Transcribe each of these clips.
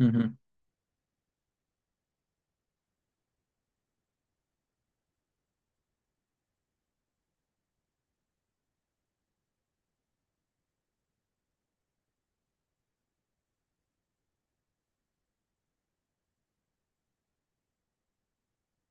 Hı hı.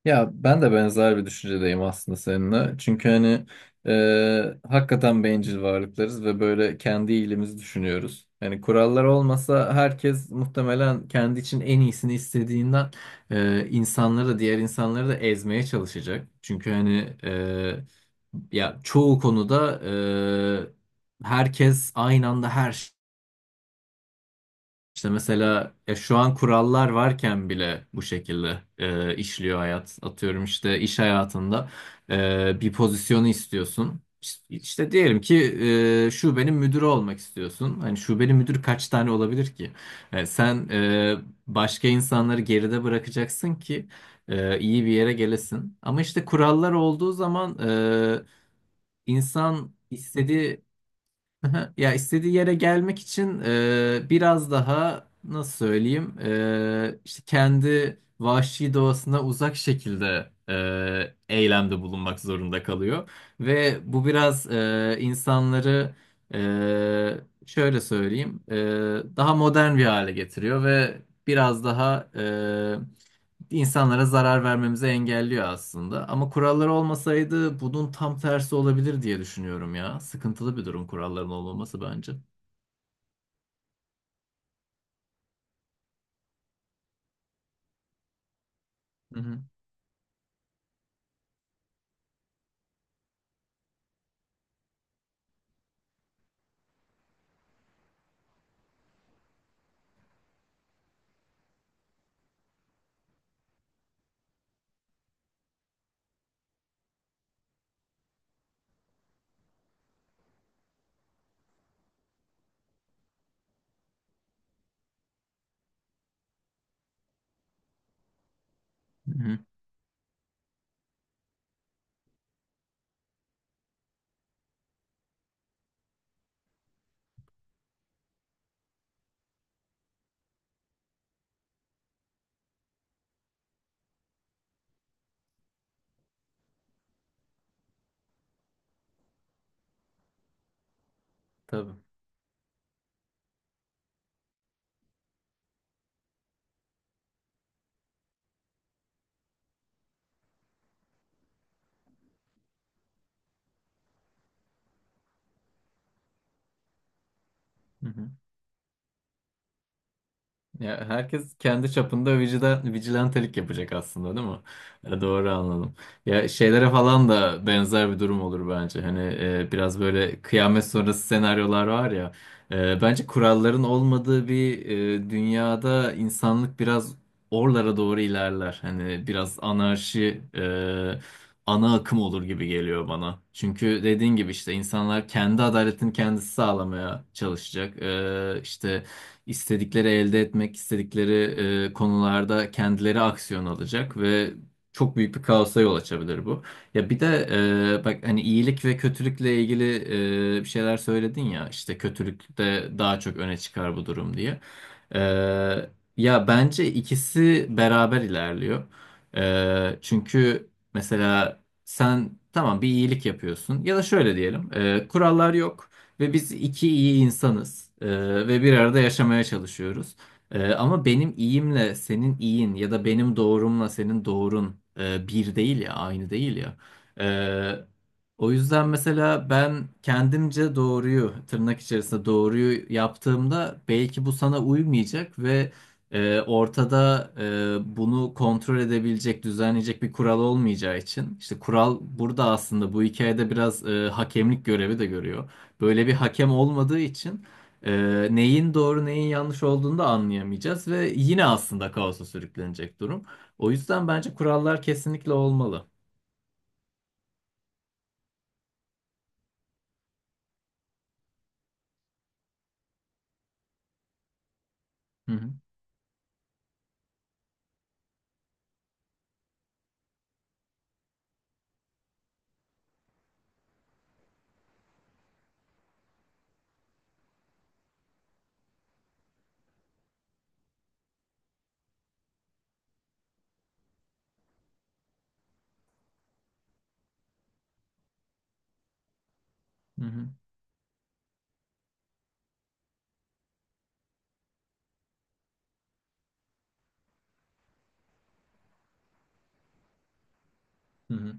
Ya ben de benzer bir düşüncedeyim aslında seninle. Çünkü hani hakikaten bencil varlıklarız ve böyle kendi iyiliğimizi düşünüyoruz. Yani kurallar olmasa herkes muhtemelen kendi için en iyisini istediğinden insanları da diğer insanları da ezmeye çalışacak. Çünkü hani ya çoğu konuda herkes aynı anda her... İşte mesela ya şu an kurallar varken bile bu şekilde işliyor hayat. Atıyorum işte iş hayatında bir pozisyonu istiyorsun. İşte diyelim ki şubenin müdürü olmak istiyorsun. Hani şubenin müdürü kaç tane olabilir ki? Sen başka insanları geride bırakacaksın ki iyi bir yere gelesin. Ama işte kurallar olduğu zaman insan istediği... Aha, ya istediği yere gelmek için biraz daha nasıl söyleyeyim işte kendi vahşi doğasına uzak şekilde eylemde bulunmak zorunda kalıyor ve bu biraz insanları şöyle söyleyeyim daha modern bir hale getiriyor ve biraz daha insanlara zarar vermemizi engelliyor aslında. Ama kuralları olmasaydı bunun tam tersi olabilir diye düşünüyorum ya. Sıkıntılı bir durum kuralların olmaması bence. Hı hı. Hı hı. Tabii. Hı hı. Ya herkes kendi çapında vigilantelik yapacak aslında değil mi? Doğru anladım. Ya şeylere falan da benzer bir durum olur bence. Hani biraz böyle kıyamet sonrası senaryolar var ya. Bence kuralların olmadığı bir dünyada insanlık biraz oralara doğru ilerler. Hani biraz anarşi ana akım olur gibi geliyor bana. Çünkü dediğin gibi işte insanlar kendi adaletini kendisi sağlamaya çalışacak. E, işte istedikleri elde etmek, istedikleri konularda kendileri aksiyon alacak ve çok büyük bir kaosa yol açabilir bu. Ya bir de bak hani iyilik ve kötülükle ilgili bir şeyler söyledin ya işte kötülükte daha çok öne çıkar bu durum diye. E, ya bence ikisi beraber ilerliyor. Çünkü mesela sen tamam bir iyilik yapıyorsun ya da şöyle diyelim kurallar yok. Ve biz iki iyi insanız ve bir arada yaşamaya çalışıyoruz. Ama benim iyimle senin iyin ya da benim doğrumla senin doğrun bir değil ya, aynı değil ya. Ee, o yüzden mesela ben kendimce doğruyu, tırnak içerisinde doğruyu yaptığımda belki bu sana uymayacak ve ortada bunu kontrol edebilecek, düzenleyecek bir kural olmayacağı için. İşte kural burada aslında bu hikayede biraz hakemlik görevi de görüyor. Böyle bir hakem olmadığı için neyin doğru neyin yanlış olduğunu da anlayamayacağız ve yine aslında kaosa sürüklenecek durum. O yüzden bence kurallar kesinlikle olmalı. Hı hı, hı hı, hı hı,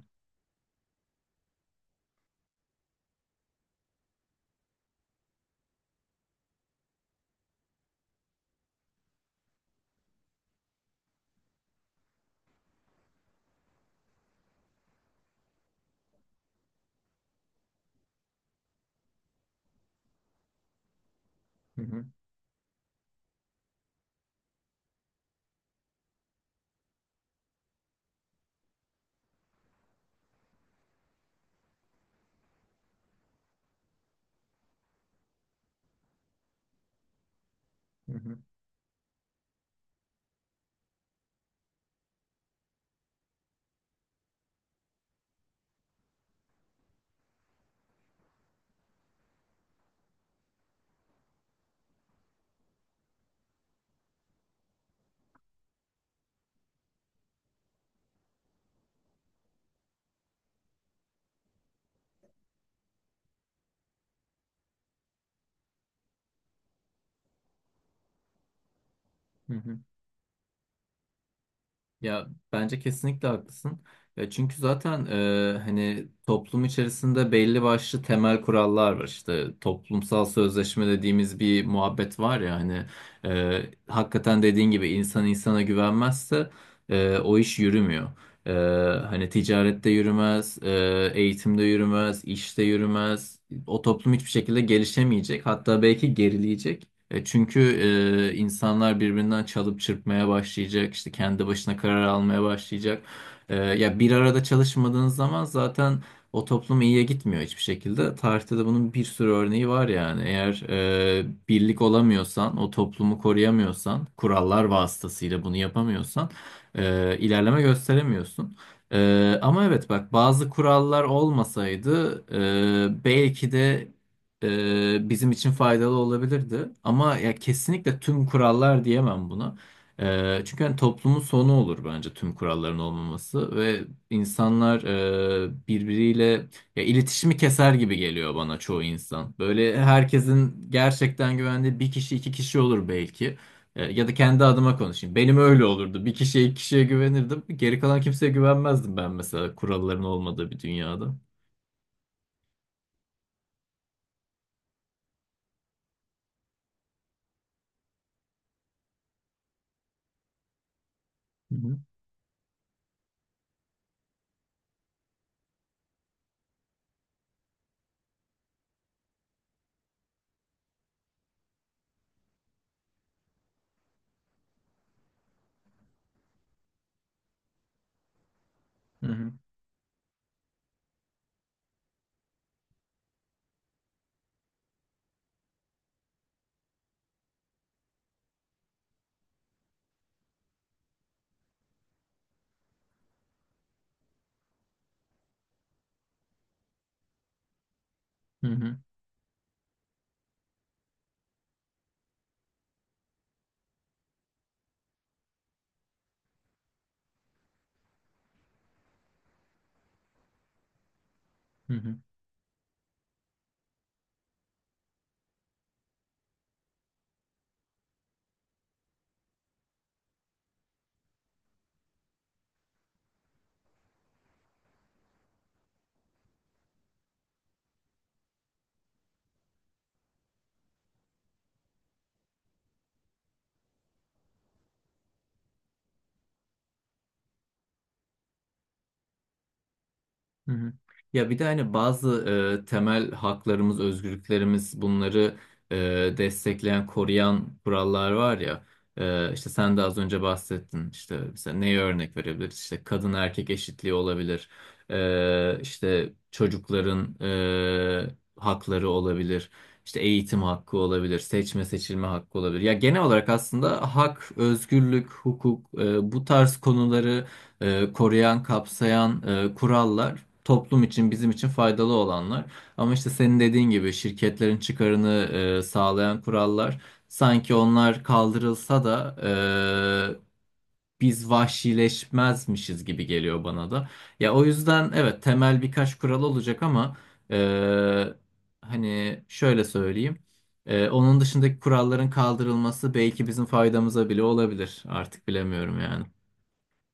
hı hı, hı hı, hı hı. Ya bence kesinlikle haklısın. Ya çünkü zaten hani toplum içerisinde belli başlı temel kurallar var. İşte toplumsal sözleşme dediğimiz bir muhabbet var ya hani hakikaten dediğin gibi insan insana güvenmezse o iş yürümüyor. E, hani ticarette yürümez, eğitimde yürümez, işte yürümez. O toplum hiçbir şekilde gelişemeyecek. Hatta belki gerileyecek. Çünkü insanlar birbirinden çalıp çırpmaya başlayacak, işte kendi başına karar almaya başlayacak. Ya bir arada çalışmadığınız zaman zaten o toplum iyiye gitmiyor hiçbir şekilde. Tarihte de bunun bir sürü örneği var yani. Eğer birlik olamıyorsan, o toplumu koruyamıyorsan, kurallar vasıtasıyla bunu yapamıyorsan, ilerleme gösteremiyorsun. Ama evet bak bazı kurallar olmasaydı belki de bizim için faydalı olabilirdi. Ama ya kesinlikle tüm kurallar diyemem buna. Çünkü hani toplumun sonu olur bence tüm kuralların olmaması ve insanlar birbiriyle ya iletişimi keser gibi geliyor bana çoğu insan. Böyle herkesin gerçekten güvendiği bir kişi iki kişi olur belki. Ya da kendi adıma konuşayım. Benim öyle olurdu. Bir kişiye iki kişiye güvenirdim. Geri kalan kimseye güvenmezdim ben mesela kuralların olmadığı bir dünyada. Hı hı. Hı hı. Hı hı. Hı hı. Hı hı. Ya bir de hani bazı temel haklarımız, özgürlüklerimiz bunları e, destekleyen, koruyan kurallar var ya. E, işte sen de az önce bahsettin. İşte mesela neye örnek verebiliriz? İşte kadın erkek eşitliği olabilir. E, işte çocukların hakları olabilir. İşte eğitim hakkı olabilir, seçme seçilme hakkı olabilir. Ya genel olarak aslında hak, özgürlük, hukuk bu tarz konuları koruyan, kapsayan kurallar toplum için, bizim için faydalı olanlar. Ama işte senin dediğin gibi şirketlerin çıkarını sağlayan kurallar sanki onlar kaldırılsa da e, biz vahşileşmezmişiz gibi geliyor bana da. Ya o yüzden evet temel birkaç kural olacak ama e, hani şöyle söyleyeyim. Onun dışındaki kuralların kaldırılması belki bizim faydamıza bile olabilir. Artık bilemiyorum yani.